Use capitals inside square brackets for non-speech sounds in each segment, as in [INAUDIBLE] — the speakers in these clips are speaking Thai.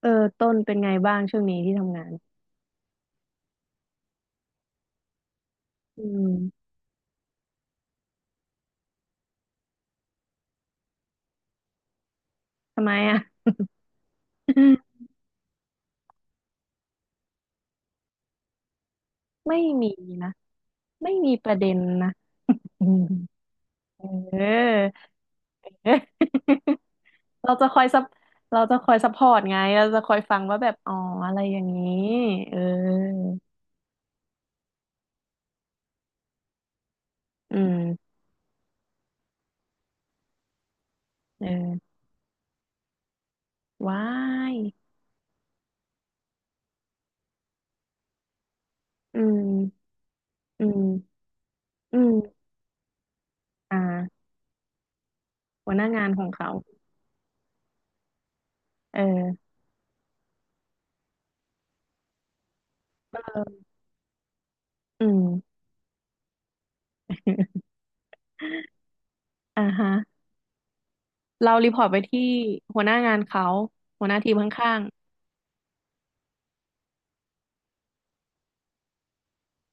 เออต้นเป็นไงบ้างช่วงนี้ที่ทำงานอืมทำไมอ่ะ [LAUGHS] ไม่มีนะไม่มีประเด็นนะอืมเออ [LAUGHS] เราจะคอยซับเราจะคอยซัพพอร์ตไงเราจะคอยฟังว่าแบบอ๋ออะไรอย่างนี้เอออืมเออว้ายอืมอืมอืมอ่าหัวหน้างานของเขาเออเอออืม [LAUGHS] อ่าฮะเรารีพอร์ตไปที่หัวหน้างานเขาหัวหน้าทีมข้าง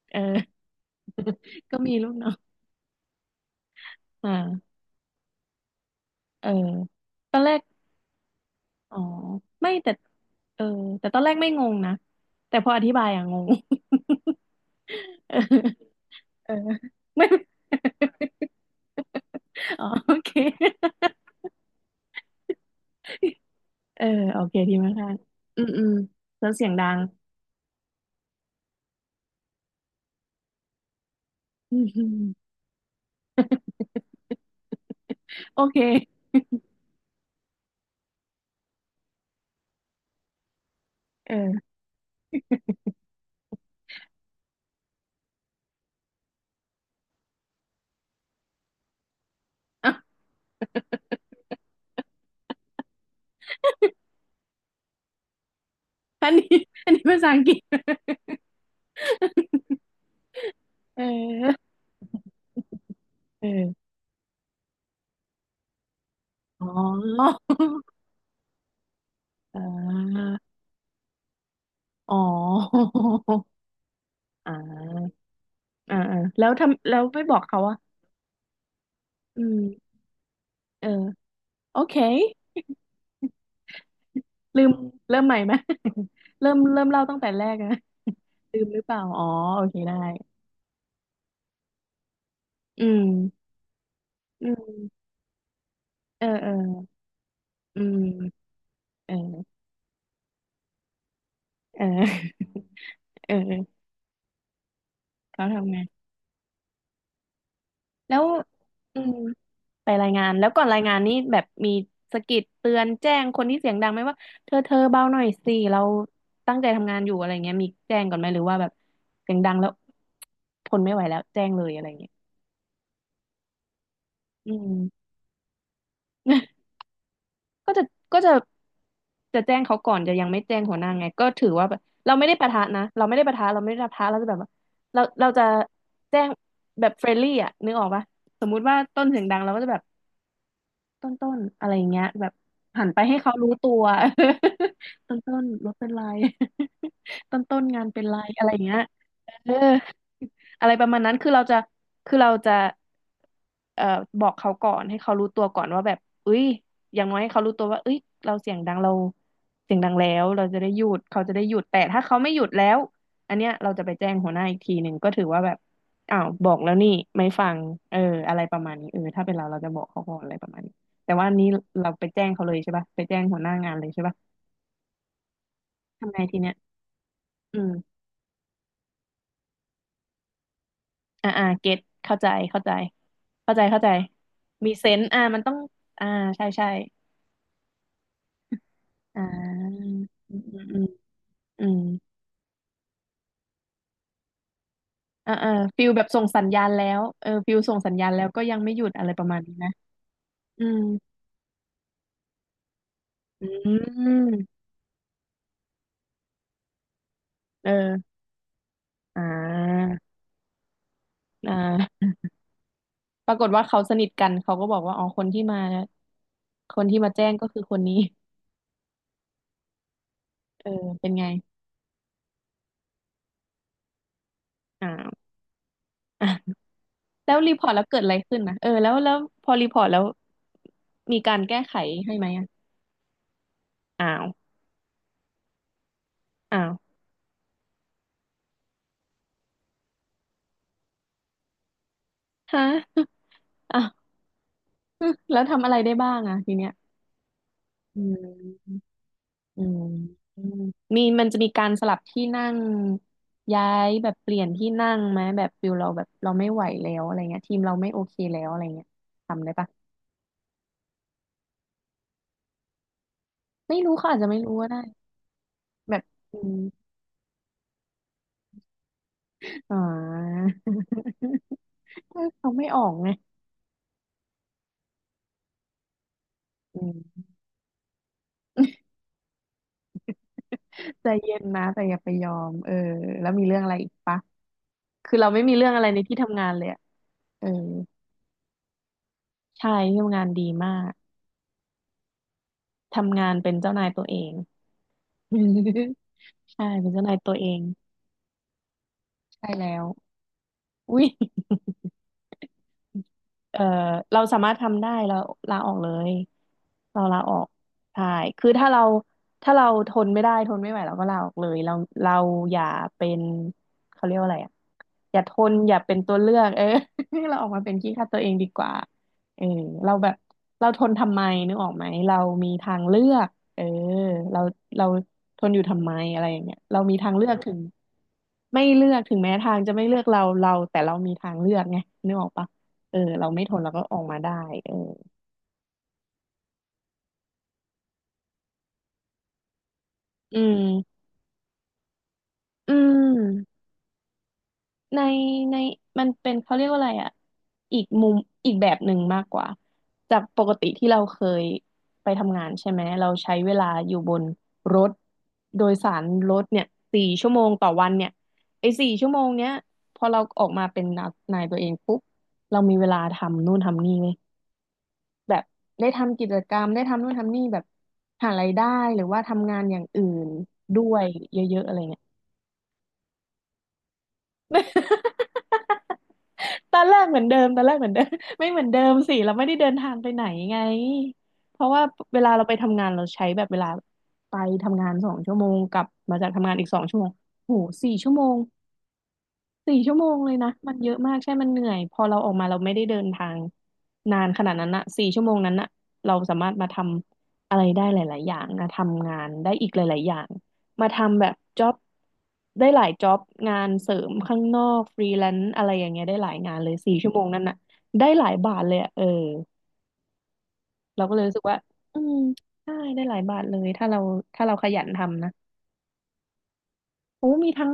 เออ [LAUGHS] ก็มีลูกน้องมาเออตอนแรกอ๋อไม่แต่เออแต่ตอนแรกไม่งงนะ แต่พออธิบายอะงง [LAUGHS] เออเออ [LAUGHS] ไม่ [LAUGHS] อ๋อโอเค [LAUGHS] เออโอเคดีมากค่ะอืมอืมแล้วเสียงดัง [LAUGHS] อืมอืมโอเคเอออ่ะอันนี้ [LAUGHS] อันนี้ภาษาอังกฤษ [LAUGHS] เออเอออ๋อ [LAUGHS] อ่าอ๋อ อ่าอ่าอ่าแล้วทำแล้วไม่บอกเขาว่าอืมเออโอเคลืมเริ่มใหม่ไหม [LAUGHS] เริ่มเริ่มเล่าตั้งแต่แรกนะ [LAUGHS] ลืมหรือเปล่าอ๋อโอเคได้อืมอืมเออเอออืมเออเออ [LAUGHS] เออเขาทำไงแล้วอืม ไปรายงานแล้วก่อนรายงานนี่แบบมีสะกิดเตือนแจ้งคนที่เสียงดังไหมว่าเธอเบาหน่อยสิเราตั้งใจทำงานอยู่อะไรเงี้ยมีแจ้งก่อนไหมหรือว่าแบบเสียงดังแล้วทนไม่ไหวแล้วแจ้งเลยอะไรเงี้ยอืม [LAUGHS] ก็จะก็จะจะแจ้งเขาก่อนจะยังไม่แจ้งหัวหน้าไงก็ถือว่าแบบเราไม่ได้ปะทะนะเราไม่ได้ปะทะเราไม่ได้ปะทะเราจะแบบว่าเราจะแจ้งแบบเฟรนลี่อ่ะนึกออกปะสมมุติว่าต้นเสียงดังเราก็จะแบบ ต้นต้นอะไรอย่างเงี้ยแบบหันไปให้เขารู้ตัว [LAUGHS] ต้นต้นรถเป็นไร [LAUGHS] ต้นต้นงานเป็นไรอะไรอย่างเงี้ยเออ อะไรประมาณนั้นคือเราจะคือเราจะเอ่อบอกเขาก่อนให้เขารู้ตัวก่อนว่าแบบเอ้ยอย่างน้อยให้เขารู้ตัวว่าเอ้ยเราเสียงดังเราเสียงดังแล้วเราจะได้หยุดเขาจะได้หยุดแต่ถ้าเขาไม่หยุดแล้วอันเนี้ยเราจะไปแจ้งหัวหน้าอีกทีหนึ่งก็ถือว่าแบบอ้าวบอกแล้วนี่ไม่ฟังเอออะไรประมาณนี้เออถ้าเป็นเราเราจะบอกเขาก่อนอะไรประมาณนี้แต่ว่าอันนี้เราไปแจ้งเขาเลยใช่ปะไปแจ้งหัวหน้างานเลยใช่ปะทำไงทีเนี้ยอืม อ่าอ่าเก็ตเข้าใจเข้าใจเข้าใจเข้าใจมีเซนส์อ่ามันต้องอ่าใช่ใช่อ่าอืมอืมอืมอืมอ่าอ่าฟิลแบบส่งสัญญาณแล้วเออฟิลส่งสัญญาณแล้วก็ยังไม่หยุดอะไรประมาณนี้นะอืมอืมเอออ่าอ่าปรากฏว่าเขาสนิทกันเขาก็บอกว่าอ๋อคนที่มาคนที่มาแจ้งก็คือคนนี้เออเป็นไงอ่า [LAUGHS] วอ่ะแล้วรีพอร์ตแล้วเกิดอะไรขึ้นนะเออแล้วแล้วพอรีพอร์ตแล้วมีการแก้ไขให้ไหม อ้าวอ้าวฮะ [LAUGHS] อ้าวแล้วทำอะไรได้บ้างอ่ะทีเนี้ยอืมอืมอืมมีมันจะมีการสลับที่นั่งย้ายแบบเปลี่ยนที่นั่งไหมแบบฟิลเราแบบเราไม่ไหวแล้วอะไรเงี้ยทีมเราไม่โอเคแล้วอะไรเงี้ยทำได้ปะไม่รู้เขาอาจจะไม่รู้ก็ได้แบบอืมอ๋อ [LAUGHS] เขาไม่ออกไงอืมใจเย็นนะแต่อย่าไปยอมเออแล้วมีเรื่องอะไรอีกปะคือเราไม่มีเรื่องอะไรในที่ทำงานเลยอะเออใช่ที่ทำงานดีมาก ทำงานเป็นเจ้านายตัวเอง [LAUGHS] ใช่ เป็นเจ้านายตัวเอง ใช่แล้วอุ้ย เอ่อเราสามารถทำได้เราลาออกเลยเราลาออกใช่คือถ้าเราถ้าเราทนไม่ได้ทนไม่ไหวเราก็ลาออกเลยเราอย่าเป็นเขาเรียกว่าอะไรอ่ะอย่าทนอย่าเป็นตัวเลือกเออ [LAUGHS] เราออกมาเป็นขี้ข้าตัวเองดีกว่าเออเราแบบเราทนทำไมนึกออกไหมเรามีทางเลือกเออเราเราทนอยู่ทำไมอะไรอย่างเงี้ยเรามีทางเลือกถึงไม่เลือกถึงแม้ทางจะไม่เลือกเราเราแต่เรามีทางเลือกไงนึกออกปะ เออเราไม่ทนเราก็ออกมาได้เอออืมอืมในในมันเป็นเขาเรียกว่าอะไรอ่ะอีกมุมอีกแบบหนึ่งมากกว่าจากปกติที่เราเคยไปทำงานใช่ไหมเราใช้เวลาอยู่บนรถโดยสารรถเนี่ยสี่ชั่วโมงต่อวันเนี่ยไอ้สี่ชั่วโมงเนี้ยพอเราออกมาเป็นนายตัวเองปุ๊บเรามีเวลาทำนู่นทำนี่เลย แบบได้ทำกิจกรรมได้ทำนู่นทำนี่แบบหารายได้หรือว่าทำงานอย่างอื่นด้วยเยอะๆอะไรเงี้ย [LAUGHS] ตอนแรกเหมือนเดิมตอนแรกเหมือนเดิม [LAUGHS] ไม่เหมือนเดิมสิเราไม่ได้เดินทางไปไหนไงเพราะว่าเวลาเราไปทำงานเราใช้แบบเวลาไปทำงานสองชั่วโมงกลับมาจากทำงานอีกสองชั่วโมงโหสี่ชั่วโมง สี่ชั่วโมงเลยนะมันเยอะมากใช่มันเหนื่อยพอเราออกมาเราไม่ได้เดินทางนานขนาดนั้นอะสี่ชั่วโมงนั้นนะเราสามารถมาทำอะไรได้หลายๆอย่างนะทำงานได้อีกหลายๆอย่างมาทำแบบจ็อบได้หลายจ็อบงานเสริมข้างนอกฟรีแลนซ์อะไรอย่างเงี้ยได้หลายงานเลยสี่ชั่วโมงนั้นอะได้หลายบาทเลยอะเออเราก็เลยรู้สึกว่าอืมใช่ได้หลายบาทเลยถ้าเราขยันทำนะ โอ้มีทั้ง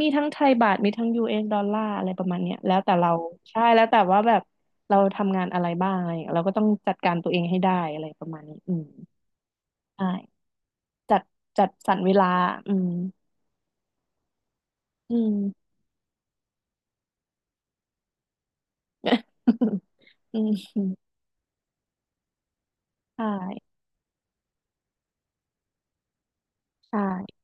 มีทั้งไทยบาทมีทั้งยูเอสดอลลาร์อะไรประมาณเนี้ยแล้วแต่เรา ใช่แล้วแต่ว่าแบบเราทำงานอะไรบ้างอะไรอย่างเงี้ยเราก็ต้องจัดการตัวเองให้ได้อะไรประมาณนี้อืมใช่ จัดจัดสรรเวลาอืมอืม [LAUGHS] อืมใช่ใช่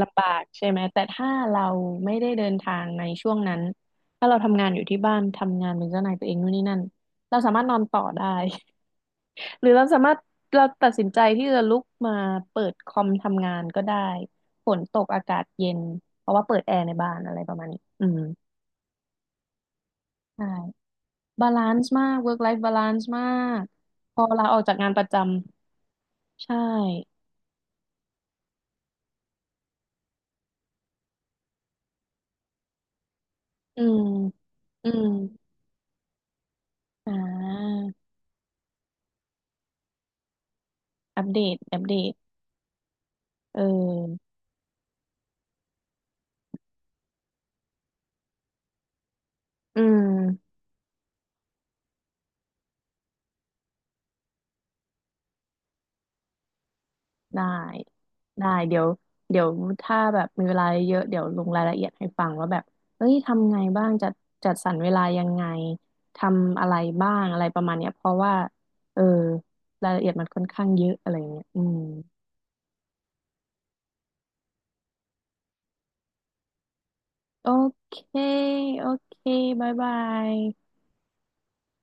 ลำบากใช่ไหม แต่ถ้าเราไม่ได้เดินทางในช่วงนั้น ถ้าเราทำงานอยู่ที่บ้านทำงานเป็นเจ้านายตัวเองนู่นนี่นั่นเราสามารถนอนต่อได้ หรือเราสามารถเราตัดสินใจที่จะลุกมาเปิดคอมทำงานก็ได้ฝนตกอากาศเย็นเพราะว่าเปิดแอร์ในบ้านอะไรประมาณนี้อืมใช่บาลานซ์มาก work life balance มากพอลาออกจากงานประจำใช่อืมอืมอ่าอัปเดตอัปเดตเอออืม ได้ได้เดี๋ยวเดี๋ยวถ้าแบบมีเวลาเยอะเดี๋ยวลงรายละเอียดให้ฟังว่าแบบเอ้ยทำไงบ้างจัดสรรเวลายังไงทำอะไรบ้างอะไรประมาณเนี้ยเพราะว่าเออรายละเอียดมันค่อนข้างเยอะอะไรเงี้ยอืมโอเคโอเคบ๊ายบาย